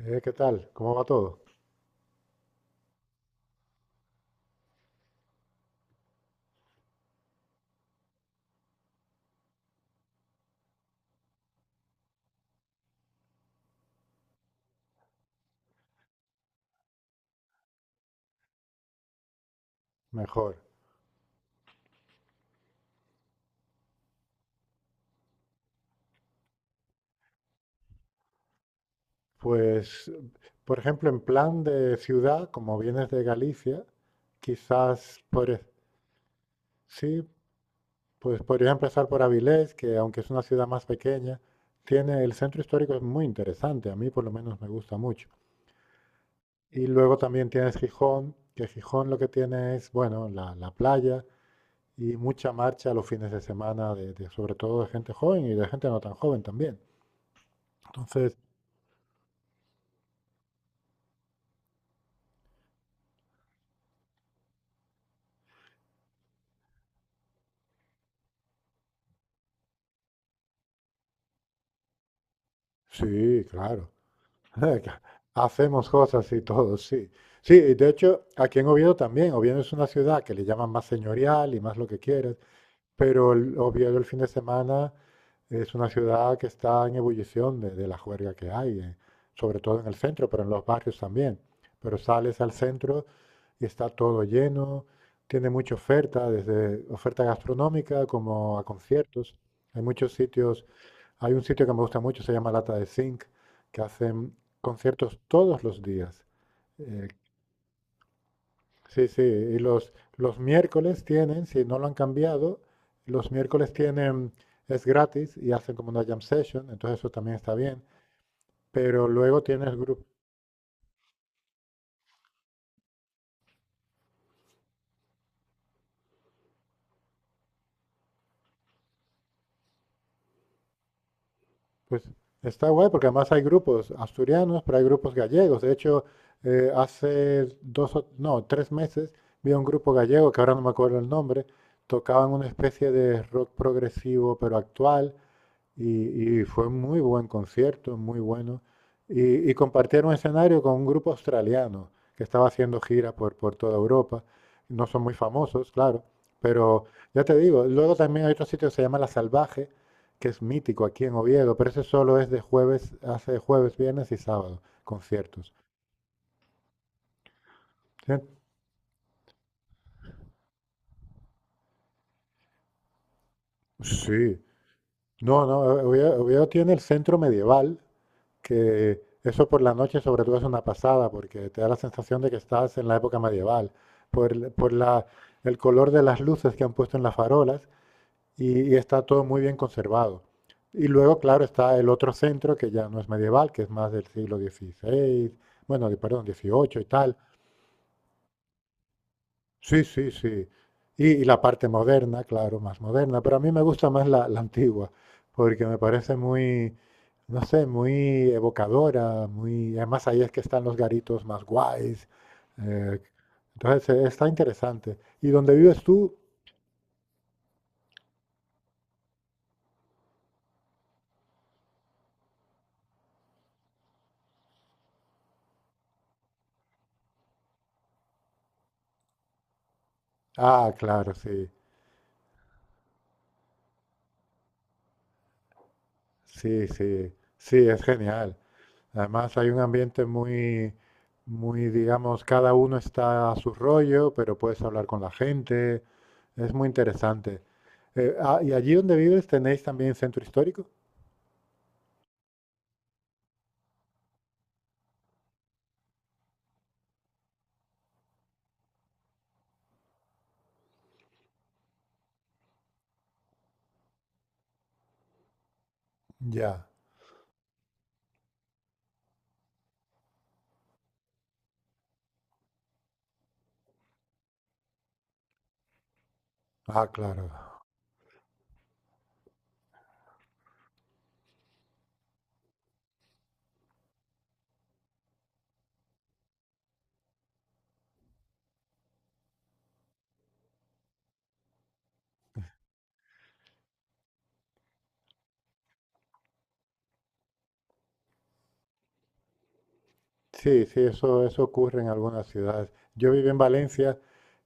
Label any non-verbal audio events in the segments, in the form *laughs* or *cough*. ¿Qué tal? ¿Cómo va todo? Mejor. Pues, por ejemplo, en plan de ciudad, como vienes de Galicia, quizás por, e- sí, pues podrías empezar por Avilés, que aunque es una ciudad más pequeña, tiene el centro histórico es muy interesante, a mí por lo menos me gusta mucho. Y luego también tienes Gijón, que Gijón lo que tiene es, bueno, la playa y mucha marcha los fines de semana, sobre todo de gente joven y de gente no tan joven también. Entonces, sí, claro. *laughs* Hacemos cosas y todo, sí. Sí, y de hecho, aquí en Oviedo también. Oviedo es una ciudad que le llaman más señorial y más lo que quieras. Pero el Oviedo el fin de semana es una ciudad que está en ebullición de la juerga que hay, sobre todo en el centro, pero en los barrios también. Pero sales al centro y está todo lleno, tiene mucha oferta, desde oferta gastronómica como a conciertos. Hay muchos sitios, hay un sitio que me gusta mucho, se llama Lata de Zinc, que hacen conciertos todos los días. eh, Sí, sí, y los miércoles tienen, si no lo han cambiado, los miércoles tienen, es gratis y hacen como una jam session, entonces eso también está bien. Pero luego tienes grupos, pues está guay porque además hay grupos asturianos, pero hay grupos gallegos. De hecho, hace dos, no, tres meses vi a un grupo gallego, que ahora no me acuerdo el nombre, tocaban una especie de rock progresivo pero actual. Y fue muy buen concierto, muy bueno. Y compartieron escenario con un grupo australiano que estaba haciendo gira por toda Europa. No son muy famosos, claro, pero ya te digo, luego también hay otro sitio que se llama La Salvaje, que es mítico aquí en Oviedo, pero ese solo es de jueves, hace jueves, viernes y sábado, conciertos. Sí, sí. No, no, Oviedo tiene el centro medieval, que eso por la noche sobre todo es una pasada porque te da la sensación de que estás en la época medieval, por, el- por la- el color de las luces que han puesto en las farolas y está todo muy bien conservado. Y luego, claro, está el otro centro que ya no es medieval, que es más del siglo XVI, bueno, perdón, XVIII y tal. Sí, sí, sí. Y la parte moderna, claro, más moderna, pero a mí me gusta más la, la antigua, porque me parece muy, no sé, muy evocadora, muy... Además ahí es que están los garitos más guays. eh, Está interesante. ¿Y dónde vives tú? Ah, claro, sí, sí, sí, sí, es genial. Además hay un ambiente muy, muy, digamos, cada uno está a su rollo, pero puedes hablar con la gente. Es muy interesante. Ah, ¿y allí donde vives tenéis también centro histórico? Ya. Ah, claro. Sí, sí, eso ocurre en algunas ciudades. Yo viví en Valencia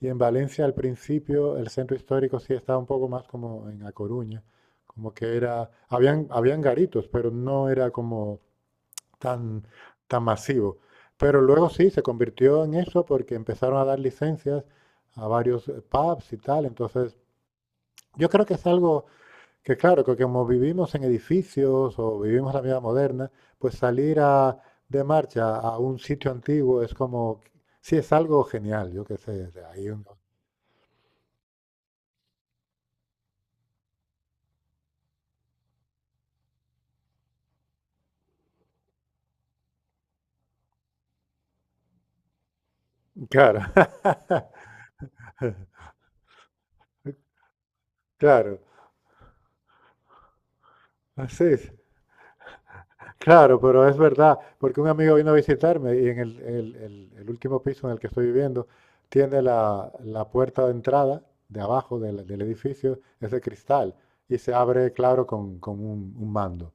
y en Valencia al principio el centro histórico sí estaba un poco más como en A Coruña, como que era, habían garitos, pero no era como tan, tan masivo. Pero luego sí se convirtió en eso porque empezaron a dar licencias a varios pubs y tal, entonces yo creo que es algo que claro, que como vivimos en edificios o vivimos la vida moderna, pues de marcha a un sitio antiguo es como, sí, es algo genial, yo qué sé, de ahí uno... Claro, *laughs* claro, así es. Claro, pero es verdad, porque un amigo vino a visitarme y en el último piso en el que estoy viviendo tiene la puerta de entrada de abajo del edificio, es de cristal y se abre, claro, con un mando.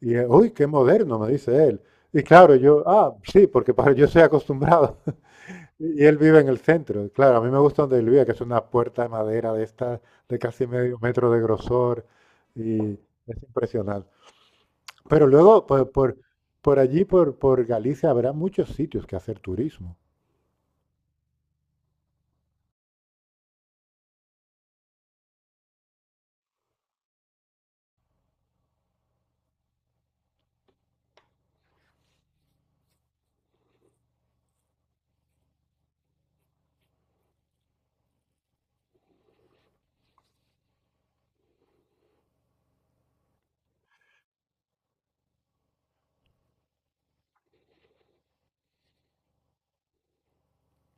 Y, uy, qué moderno, me dice él. Y claro, yo, ah, sí, porque para, yo soy acostumbrado. *laughs* Y él vive en el centro. Claro, a mí me gusta donde él vive, que es una puerta de madera de esta, de casi medio metro de grosor. Y es impresionante. Pero luego, por allí, por Galicia, habrá muchos sitios que hacer turismo.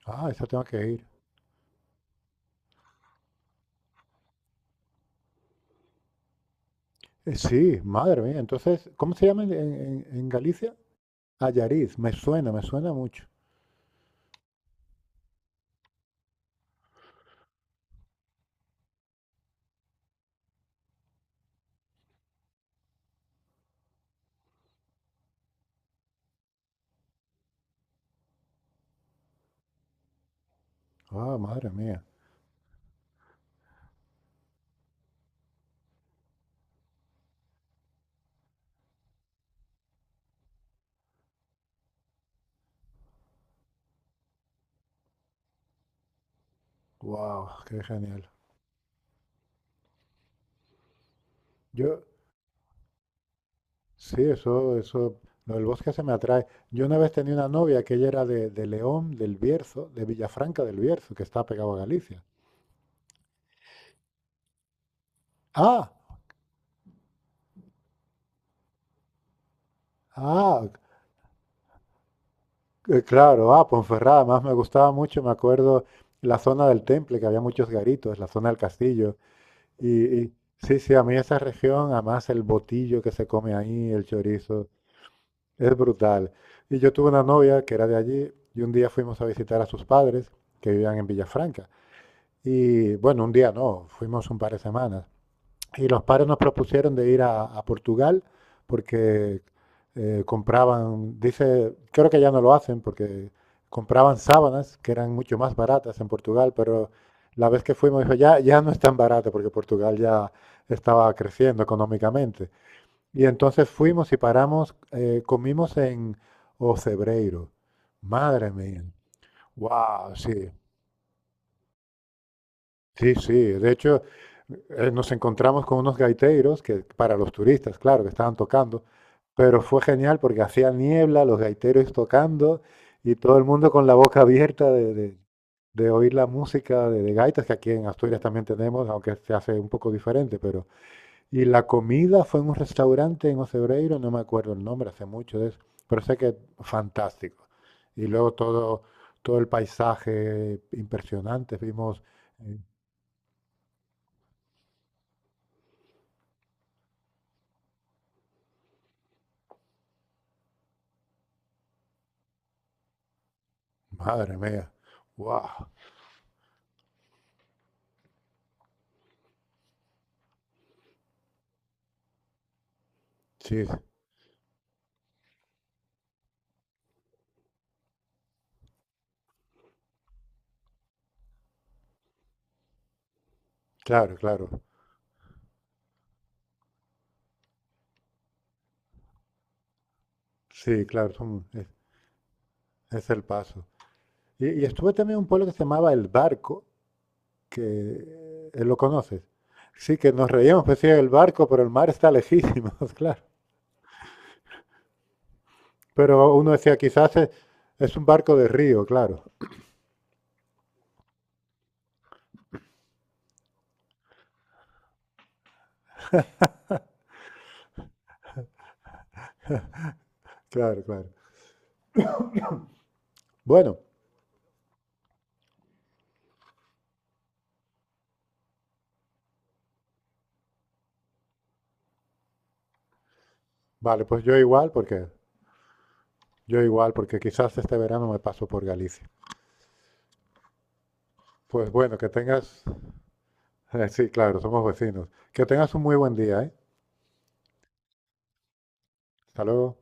Ah, eso tengo que ir. Sí, madre mía. Entonces, ¿cómo se llama en, en Galicia? Ayariz. Me suena mucho. Ah, madre mía. Wow, qué genial. Yo, sí, eso, lo del bosque se me atrae. Yo una vez tenía una novia que ella era de León, del Bierzo, de Villafranca del Bierzo, que está pegado a Galicia. Ah, ah, claro, ah, Ponferrada, además me gustaba mucho, me acuerdo la zona del Temple, que había muchos garitos, la zona del castillo. Y, y sí, sí, a mí esa región, además el botillo que se come ahí, el chorizo, es brutal. Y yo tuve una novia que era de allí y un día fuimos a visitar a sus padres que vivían en Villafranca. Y bueno, un día no, fuimos un par de semanas. Y los padres nos propusieron de ir a Portugal porque compraban, dice, creo que ya no lo hacen porque compraban sábanas que eran mucho más baratas en Portugal, pero la vez que fuimos dijo, ya, ya no es tan barato porque Portugal ya estaba creciendo económicamente. Y entonces fuimos y paramos, comimos en Ocebreiro. Madre mía. Wow, sí. Sí, sí. De hecho, nos encontramos con unos gaiteros que para los turistas, claro, que estaban tocando, pero fue genial porque hacía niebla, los gaiteros tocando y todo el mundo con la boca abierta de oír la música de gaitas, que aquí en Asturias también tenemos, aunque se hace un poco diferente, pero... Y la comida fue en un restaurante en Ocebreiro, no me acuerdo el nombre, hace mucho de eso, pero sé que fantástico. Y luego todo, todo el paisaje impresionante, vimos... eh, Madre mía. Wow. Sí, claro, claro. Sí, claro, es el paso. Y estuve también en un pueblo que se llamaba El Barco, que lo conoces. Sí, que nos reíamos, pues decía el barco, pero el mar está lejísimo, *laughs* claro. Pero uno decía, quizás es, un barco de río, claro, claro, claro. Bueno, vale, pues yo igual, porque quizás este verano me paso por Galicia. Pues bueno, que tengas, *laughs* sí, claro, somos vecinos. Que tengas un muy buen día, ¿eh? Hasta luego.